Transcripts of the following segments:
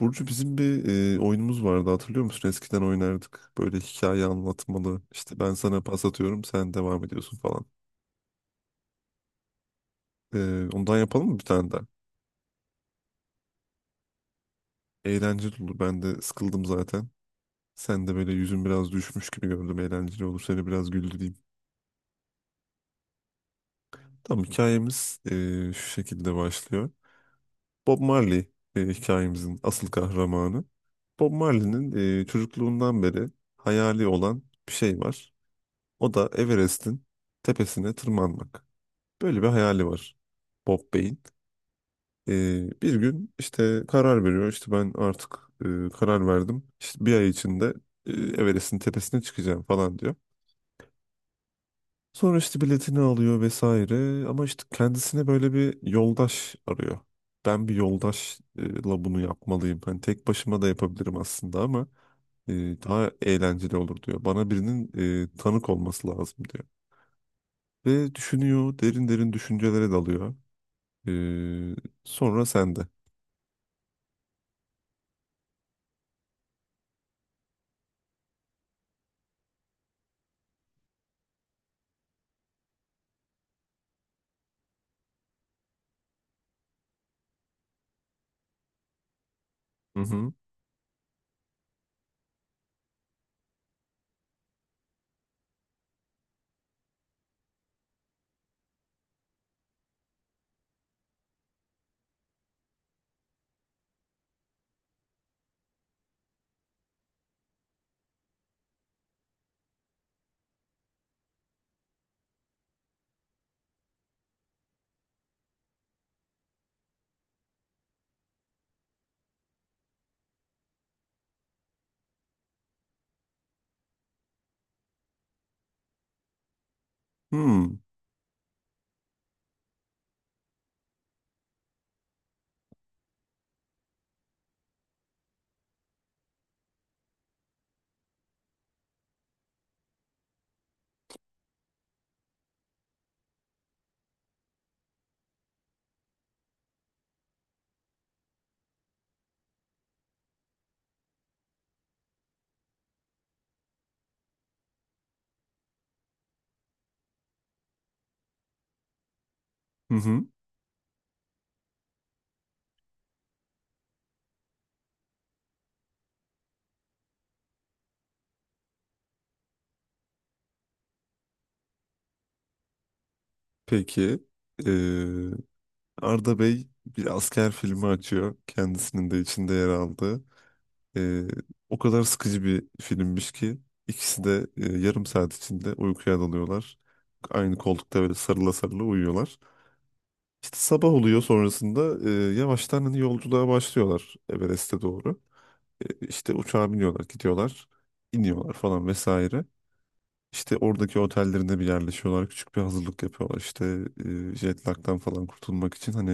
Burcu bizim bir oyunumuz vardı, hatırlıyor musun? Eskiden oynardık. Böyle hikaye anlatmalı. İşte ben sana pas atıyorum, sen devam ediyorsun falan. Ondan yapalım mı bir tane daha? Eğlenceli olur. Ben de sıkıldım zaten. Sen de böyle yüzün biraz düşmüş gibi gördüm. Eğlenceli olur. Seni biraz güldüreyim. Tamam, hikayemiz şu şekilde başlıyor. Bob Marley hikayemizin asıl kahramanı. Bob Marley'nin çocukluğundan beri hayali olan bir şey var. O da Everest'in tepesine tırmanmak. Böyle bir hayali var Bob Bey'in. Bir gün işte karar veriyor. İşte ben artık karar verdim. İşte 1 ay içinde Everest'in tepesine çıkacağım falan diyor. Sonra işte biletini alıyor vesaire. Ama işte kendisine böyle bir yoldaş arıyor. Ben bir yoldaşla bunu yapmalıyım. Hani tek başıma da yapabilirim aslında ama e, daha eğlenceli olur diyor. Bana birinin tanık olması lazım diyor. Ve düşünüyor, derin derin düşüncelere dalıyor. Ee, sonra sende. Hı hı. Hmm. Hı hı. Peki. Ee, Arda Bey bir asker filmi açıyor. Kendisinin de içinde yer aldığı. Ee, O kadar sıkıcı bir filmmiş ki ikisi de 30 dakika içinde uykuya dalıyorlar. Aynı koltukta böyle sarıla sarıla uyuyorlar. İşte sabah oluyor, sonrasında yavaştan hani yolculuğa başlıyorlar Everest'e doğru. İşte uçağa biniyorlar, gidiyorlar, iniyorlar falan vesaire. İşte oradaki otellerinde bir yerleşiyorlar. Küçük bir hazırlık yapıyorlar. İşte jet lag'dan falan kurtulmak için hani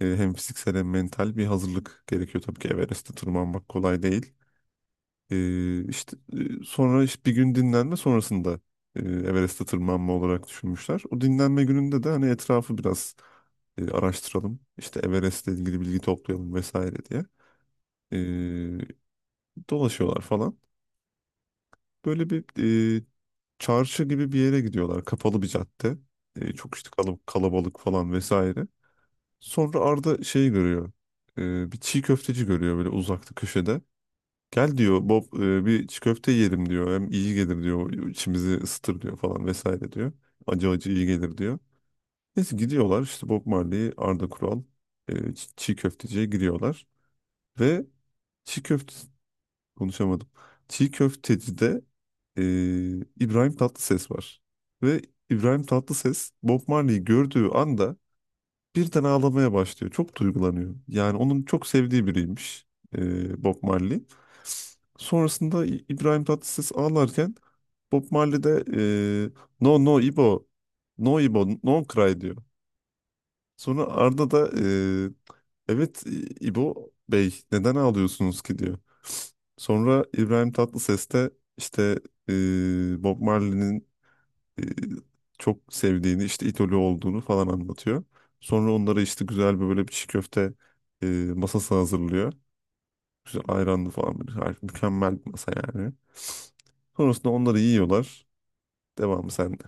hem fiziksel hem mental bir hazırlık gerekiyor. Tabii ki Everest'te tırmanmak kolay değil. E, sonra işte bir gün dinlenme sonrasında Everest'te tırmanma olarak düşünmüşler. O dinlenme gününde de hani etrafı biraz araştıralım. İşte Everest'le ilgili bilgi toplayalım vesaire diye. E, dolaşıyorlar falan. Böyle bir çarşı gibi bir yere gidiyorlar. Kapalı bir cadde. Çok işte kalabalık falan vesaire. Sonra Arda şeyi görüyor. Bir çiğ köfteci görüyor böyle uzakta köşede. Gel diyor Bob, bir çiğ köfte yiyelim diyor. Hem iyi gelir diyor. İçimizi ısıtır diyor falan vesaire diyor. Acı acı iyi gelir diyor. Neyse gidiyorlar işte Bob Marley, Arda Kural çiğ köfteciye giriyorlar. Ve çiğ köfte konuşamadım. Çiğ köfteci e, İbrahim Tatlıses var. Ve İbrahim Tatlıses Bob Marley'i gördüğü anda birden ağlamaya başlıyor. Çok duygulanıyor. Yani onun çok sevdiği biriymiş Bob Marley. Sonrasında İbrahim Tatlıses ağlarken Bob Marley de e, no no İbo, no İbo, no cry diyor. Sonra Arda da evet İbo Bey neden ağlıyorsunuz ki diyor. Sonra İbrahim Tatlıses de işte Bob Marley'nin e, çok sevdiğini, işte idolü olduğunu falan anlatıyor. Sonra onlara işte güzel bir böyle bir çiğ köfte e, masası hazırlıyor. Güzel ayranlı falan bir harika, mükemmel bir masa yani. Sonrasında onları yiyorlar. Devamı sende.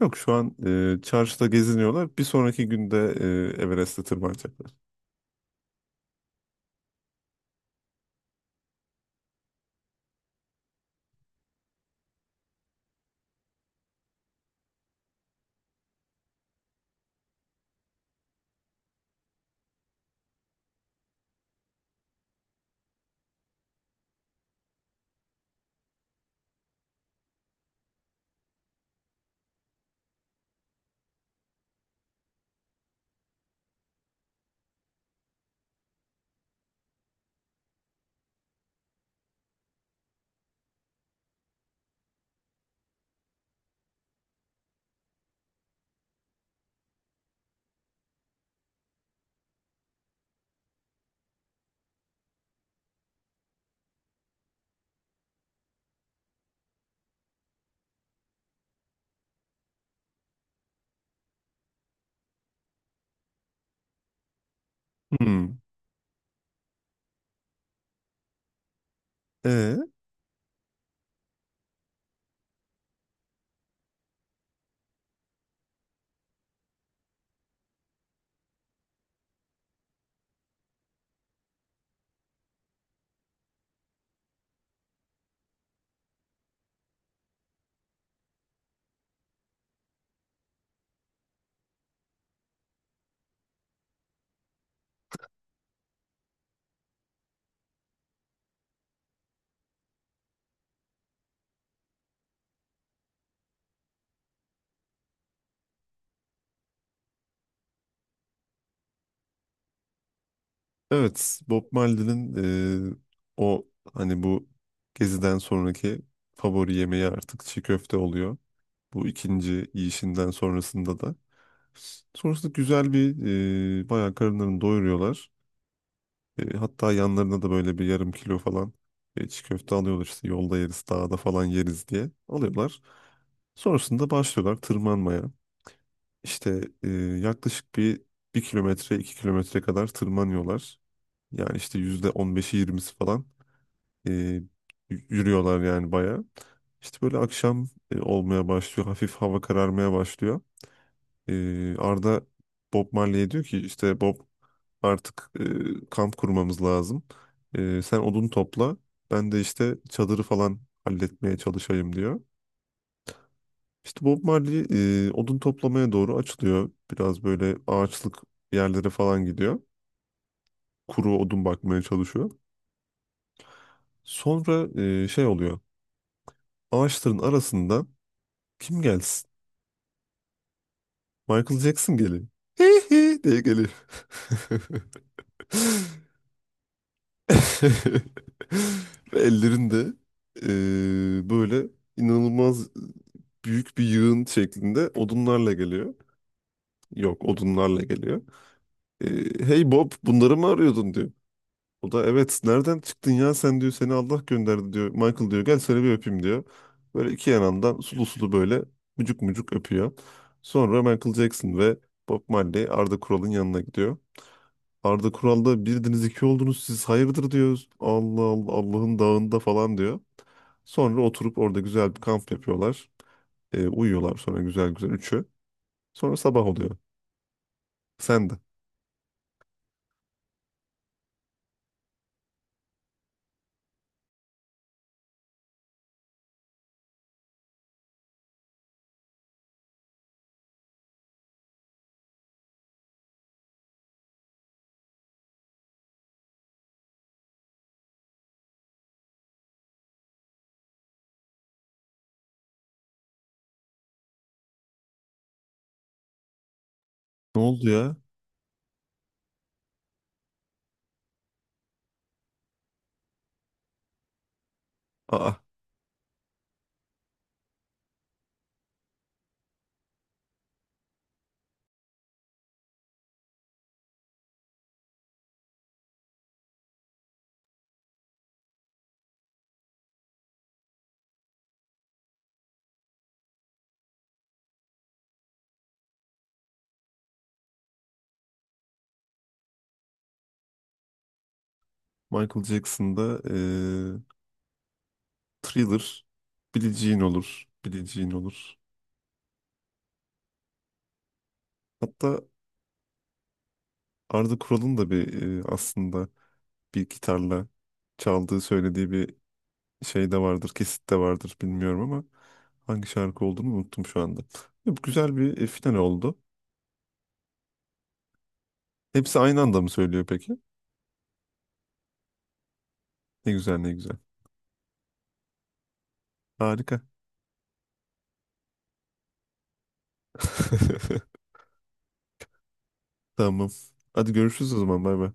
Yok şu an çarşıda geziniyorlar. Bir sonraki günde Everest'e tırmanacaklar. Hmm. E, evet, Bob Marley'nin e, o hani bu geziden sonraki favori yemeği artık çiğ köfte oluyor. Bu ikinci yiyişinden sonrasında da. Sonrasında güzel bir bayağı karınlarını doyuruyorlar. Hatta yanlarına da böyle bir 0,5 kilo falan çiğ köfte alıyorlar, işte yolda yeriz, dağda falan yeriz diye alıyorlar. Sonrasında başlıyorlar tırmanmaya. İşte yaklaşık bir kilometre 2 kilometre kadar tırmanıyorlar. Yani işte %15'i yirmisi falan e, y- yürüyorlar yani bayağı. İşte böyle akşam olmaya başlıyor. Hafif hava kararmaya başlıyor. Arda Bob Marley'e diyor ki işte Bob artık kamp kurmamız lazım. Sen odun topla. Ben de işte çadırı falan halletmeye çalışayım diyor. İşte Bob Marley odun toplamaya doğru açılıyor. Biraz böyle ağaçlık yerlere falan gidiyor. Kuru odun bakmaya çalışıyor. Sonra şey oluyor. Ağaçların arasından kim gelsin? Michael Jackson geliyor. Hey hey diye geliyor. Ve ellerinde böyle inanılmaz büyük bir yığın şeklinde odunlarla geliyor. Yok odunlarla geliyor. Hey Bob bunları mı arıyordun diyor. O da evet nereden çıktın ya sen diyor, seni Allah gönderdi diyor. Michael diyor gel seni bir öpeyim diyor. Böyle iki yanından sulu sulu böyle mucuk mucuk öpüyor. Sonra Michael Jackson ve Bob Marley Arda Kural'ın yanına gidiyor. Arda Kural'da birdiniz iki oldunuz siz, hayırdır diyor. Allah Allah, Allah'ın dağında falan diyor. Sonra oturup orada güzel bir kamp yapıyorlar. Uyuyorlar sonra güzel güzel üçü. Sonra sabah oluyor. Sen de. Ne oldu ya? Aa, Michael Jackson'da Thriller, Billie Jean olur. Billie Jean olur. Hatta Arda Kural'ın da bir aslında bir gitarla çaldığı söylediği bir şey de vardır, kesit de vardır bilmiyorum ama hangi şarkı olduğunu unuttum şu anda. Ya, bu güzel bir final oldu. Hepsi aynı anda mı söylüyor peki? Ne güzel ne güzel. Harika. Tamam. Hadi görüşürüz o zaman. Bay bay.